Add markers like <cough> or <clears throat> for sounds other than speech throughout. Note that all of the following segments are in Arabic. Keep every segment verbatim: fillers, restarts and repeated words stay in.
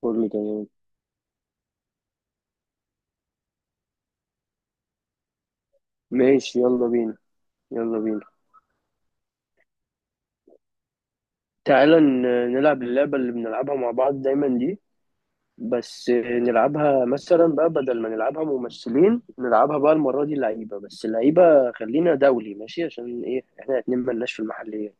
كله تمام. ماشي، يلا بينا. يلا بينا. تعالى ن- نلعب اللعبة اللي بنلعبها مع بعض دايما دي، بس نلعبها مثلا بقى بدل ما نلعبها ممثلين، نلعبها بقى المرة دي لعيبة، بس اللعيبة خلينا دولي ماشي عشان ايه احنا الاتنين ملناش في المحلية.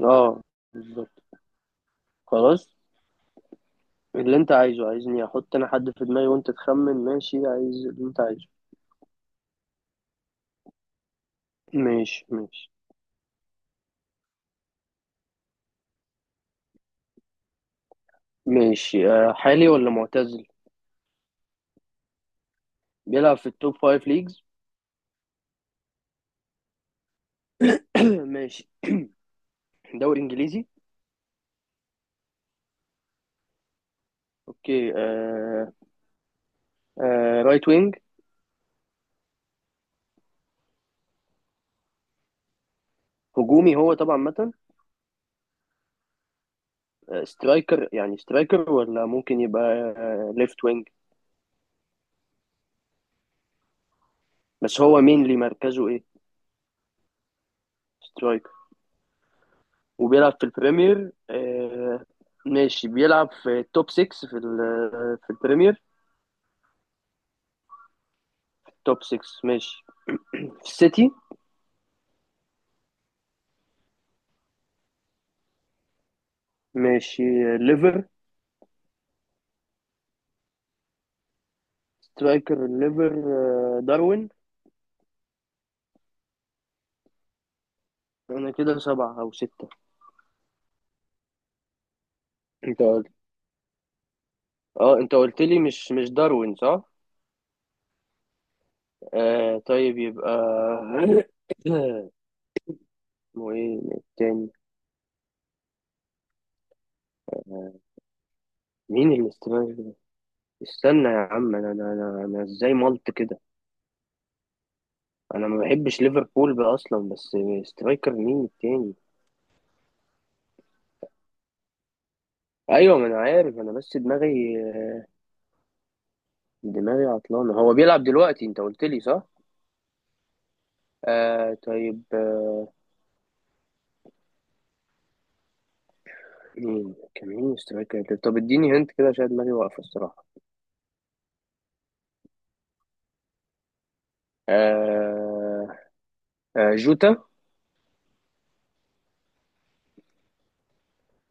اه، بالظبط. خلاص، اللي انت عايزه. عايزني احط انا حد في دماغي وانت تخمن؟ ماشي، عايز اللي انت عايزه. ماشي ماشي. ماشي آه، حالي ولا معتزل؟ بيلعب في التوب فايف ليجز. <coughs> <clears throat> ماشي. دوري انجليزي. اوكي آه. آه رايت وينج. هجومي هو طبعا مثلا. آه، سترايكر، يعني سترايكر ولا ممكن يبقى آه ليفت وينج؟ بس هو مينلي مركزه ايه؟ سترايكر. وبيلعب في البريمير آه، ماشي. بيلعب في توب ستة في ال- آه، في البريمير. توب ستة. ماشي. في السيتي. ماشي آه، ليفر. سترايكر الليفر. آه، داروين. انا كده سبعة او ستة. انت قلت، اه انت قلت لي مش مش داروين، صح؟ آه طيب يبقى <coughs> <laughs> اسمه ايه التاني؟ مين اللي استمر ده؟ استنى يا عم، انا انا انا, أنا ازاي ملت كده؟ انا ما بحبش ليفربول بقى اصلا، بس سترايكر مين التاني؟ ايوه ما انا عارف، انا بس دماغي، دماغي عطلانه. هو بيلعب دلوقتي، انت قلت لي، صح؟ آه طيب آه. مين كان، مين سترايكر؟ طب اديني هنت كده عشان دماغي واقفه الصراحه. آه. آه جوتا.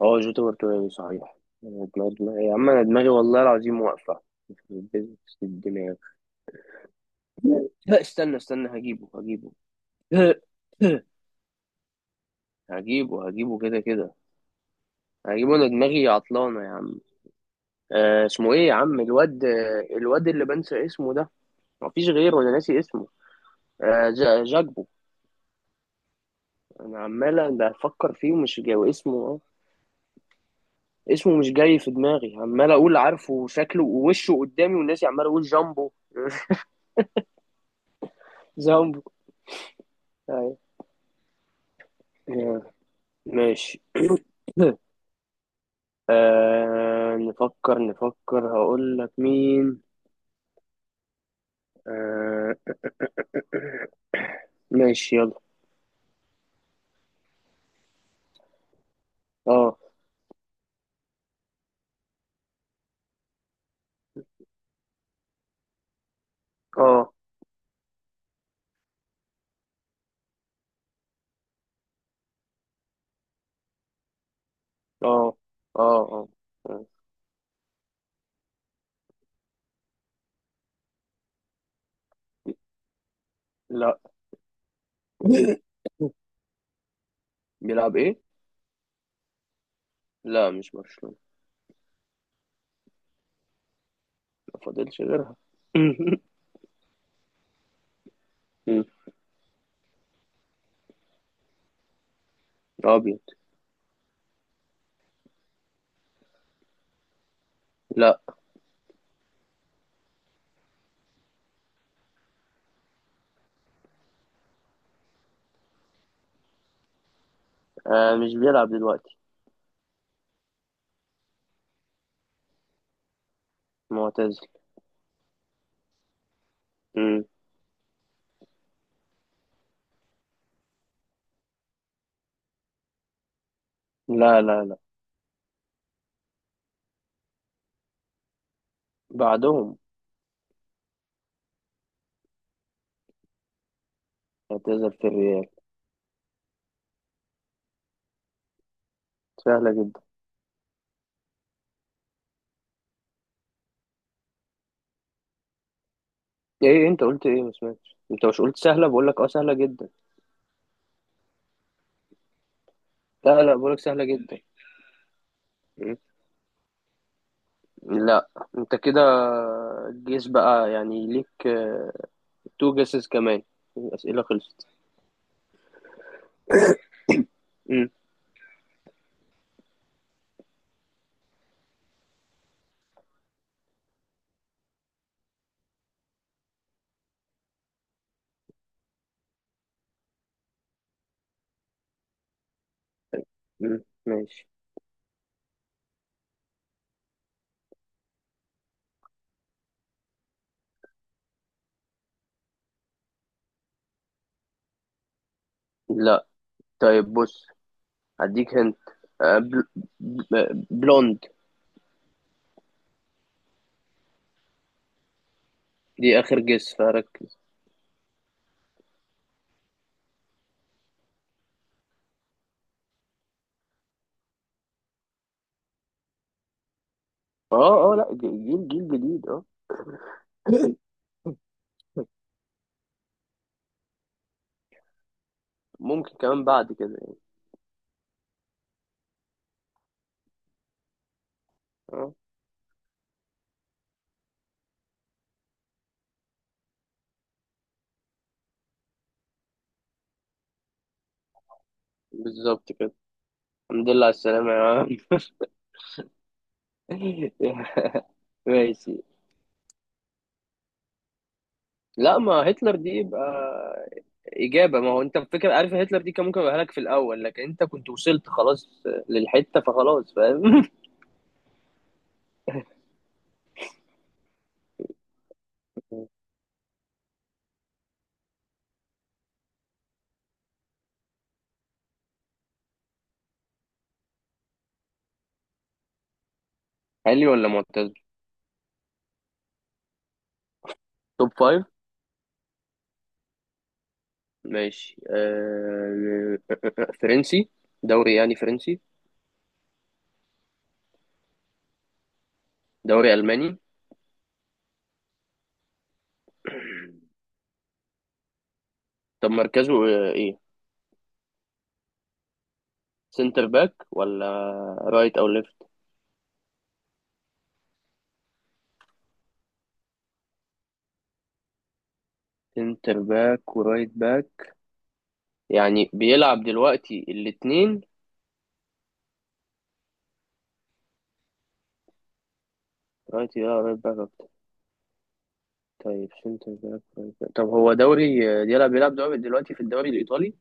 اه جوتا برتغالي صحيح. أنا دماغي يا عم، انا دماغي والله العظيم واقفة في business الدماغ. لا، استنى استنى، هجيبه هجيبه. <laughs> هجيبه هجيبه كده كده. هجيبه، انا دماغي عطلانة يا عم. آه اسمه ايه يا عم الواد، آه، الواد اللي بنسى اسمه ده. مفيش غيره، انا ناسي اسمه. آه جا- جاكبو. انا عمال بفكر فيه ومش جاي اسمه، اه. اسمه مش جاي في دماغي، عمال اقول عارفه وشكله ووشه قدامي، والناس عمال اقول جامبو. <laughs> جامبو. أيوة. ماشي. <coughs> آه، نفكر نفكر هقول لك مين. آه. ماشي يلا. اه. اه. اه. اه. اه. لا. <coughs> بيلعب ايه؟ لا مش برشلونة. ما فاضلش غيرها. <coughs> <laughs> مم. ابيض. لا. آه مش بيلعب دلوقتي. معتزل. مم. لا لا لا. بعدهم. اعتزل في الريال. سهلة جدا. ايه انت قلت ايه؟ ما سمعتش. انت مش قلت سهلة؟ بقول لك اه سهلة جدا. لا لا، بقول لك سهلة جدا. لا انت كده، جيس بقى يعني ليك. تو جيسز كمان. الأسئلة خلصت. مم. مم. ماشي. لا طيب بص، هديك هنت. بلوند. دي آخر جيس، فركز. اه اه، لا ج- جيل، جيل جديد اه. <laughs> ممكن كمان بعد كده يعني. اه، بالظبط كده. الحمد لله على السلامة يا عم. <laughs> ماشي. لا، ما هتلر دي يبقى إجابة. ما هو أنت الفكرة، عارف، هتلر دي كان ممكن يبقى لك في الأول، لكن أنت كنت وصلت خلاص للحتة، فخلاص فاهم. <laughs> حالي ولا معتزل؟ توب فايف. ماشي آه... فرنسي، دوري يعني فرنسي. دوري ألماني. طب مركزه آه، إيه؟ سنتر باك ولا رايت أو ليفت؟ سنتر باك ورايت باك. يعني بيلعب دلوقتي الاتنين؟ رايت، يا رايت باك أكتر. طيب سنتر باك رايت باك. طب هو دوري آه، بيلعب، بيلعب دوري دلوقتي في الدوري الإيطالي؟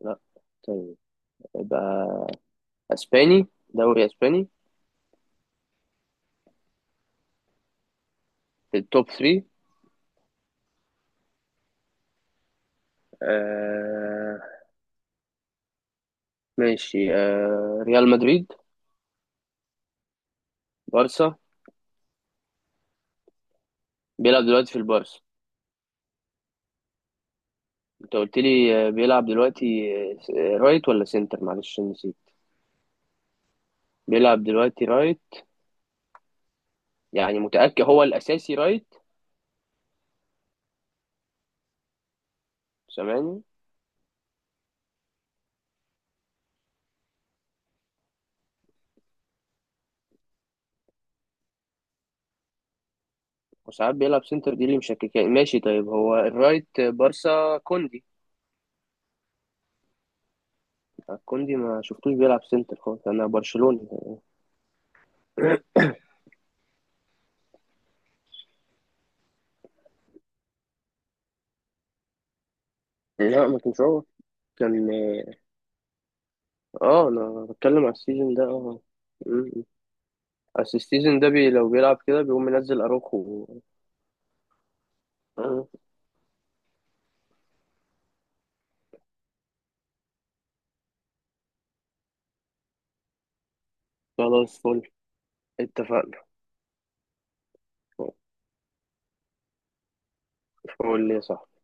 لا. طيب يبقى اسباني، دوري اسباني. في التوب ثلاثة. آه. ماشي. آه ريال مدريد. بارسا. بيلعب دلوقتي في البارسا. انت قلت لي آه، بيلعب دلوقتي. آه، رايت ولا سنتر؟ معلش نسيت. بيلعب دلوقتي رايت. يعني متأكد هو الاساسي رايت؟ سامعني؟ وساعات بيلعب سنتر، دي اللي مشككاني. ماشي طيب. هو الرايت بارسا كوندي. آه، كوندي ما شفتوش بيلعب سنتر خالص، انا برشلوني. لا، ما كانش. هو كان. اه انا بتكلم على السيزون ده، اه. مم. اصل السيزون ده بي لو بيلعب كده بيقوم منزل اروخو. آه، خلاص، فل. اتفقنا. فل يا صاحبي.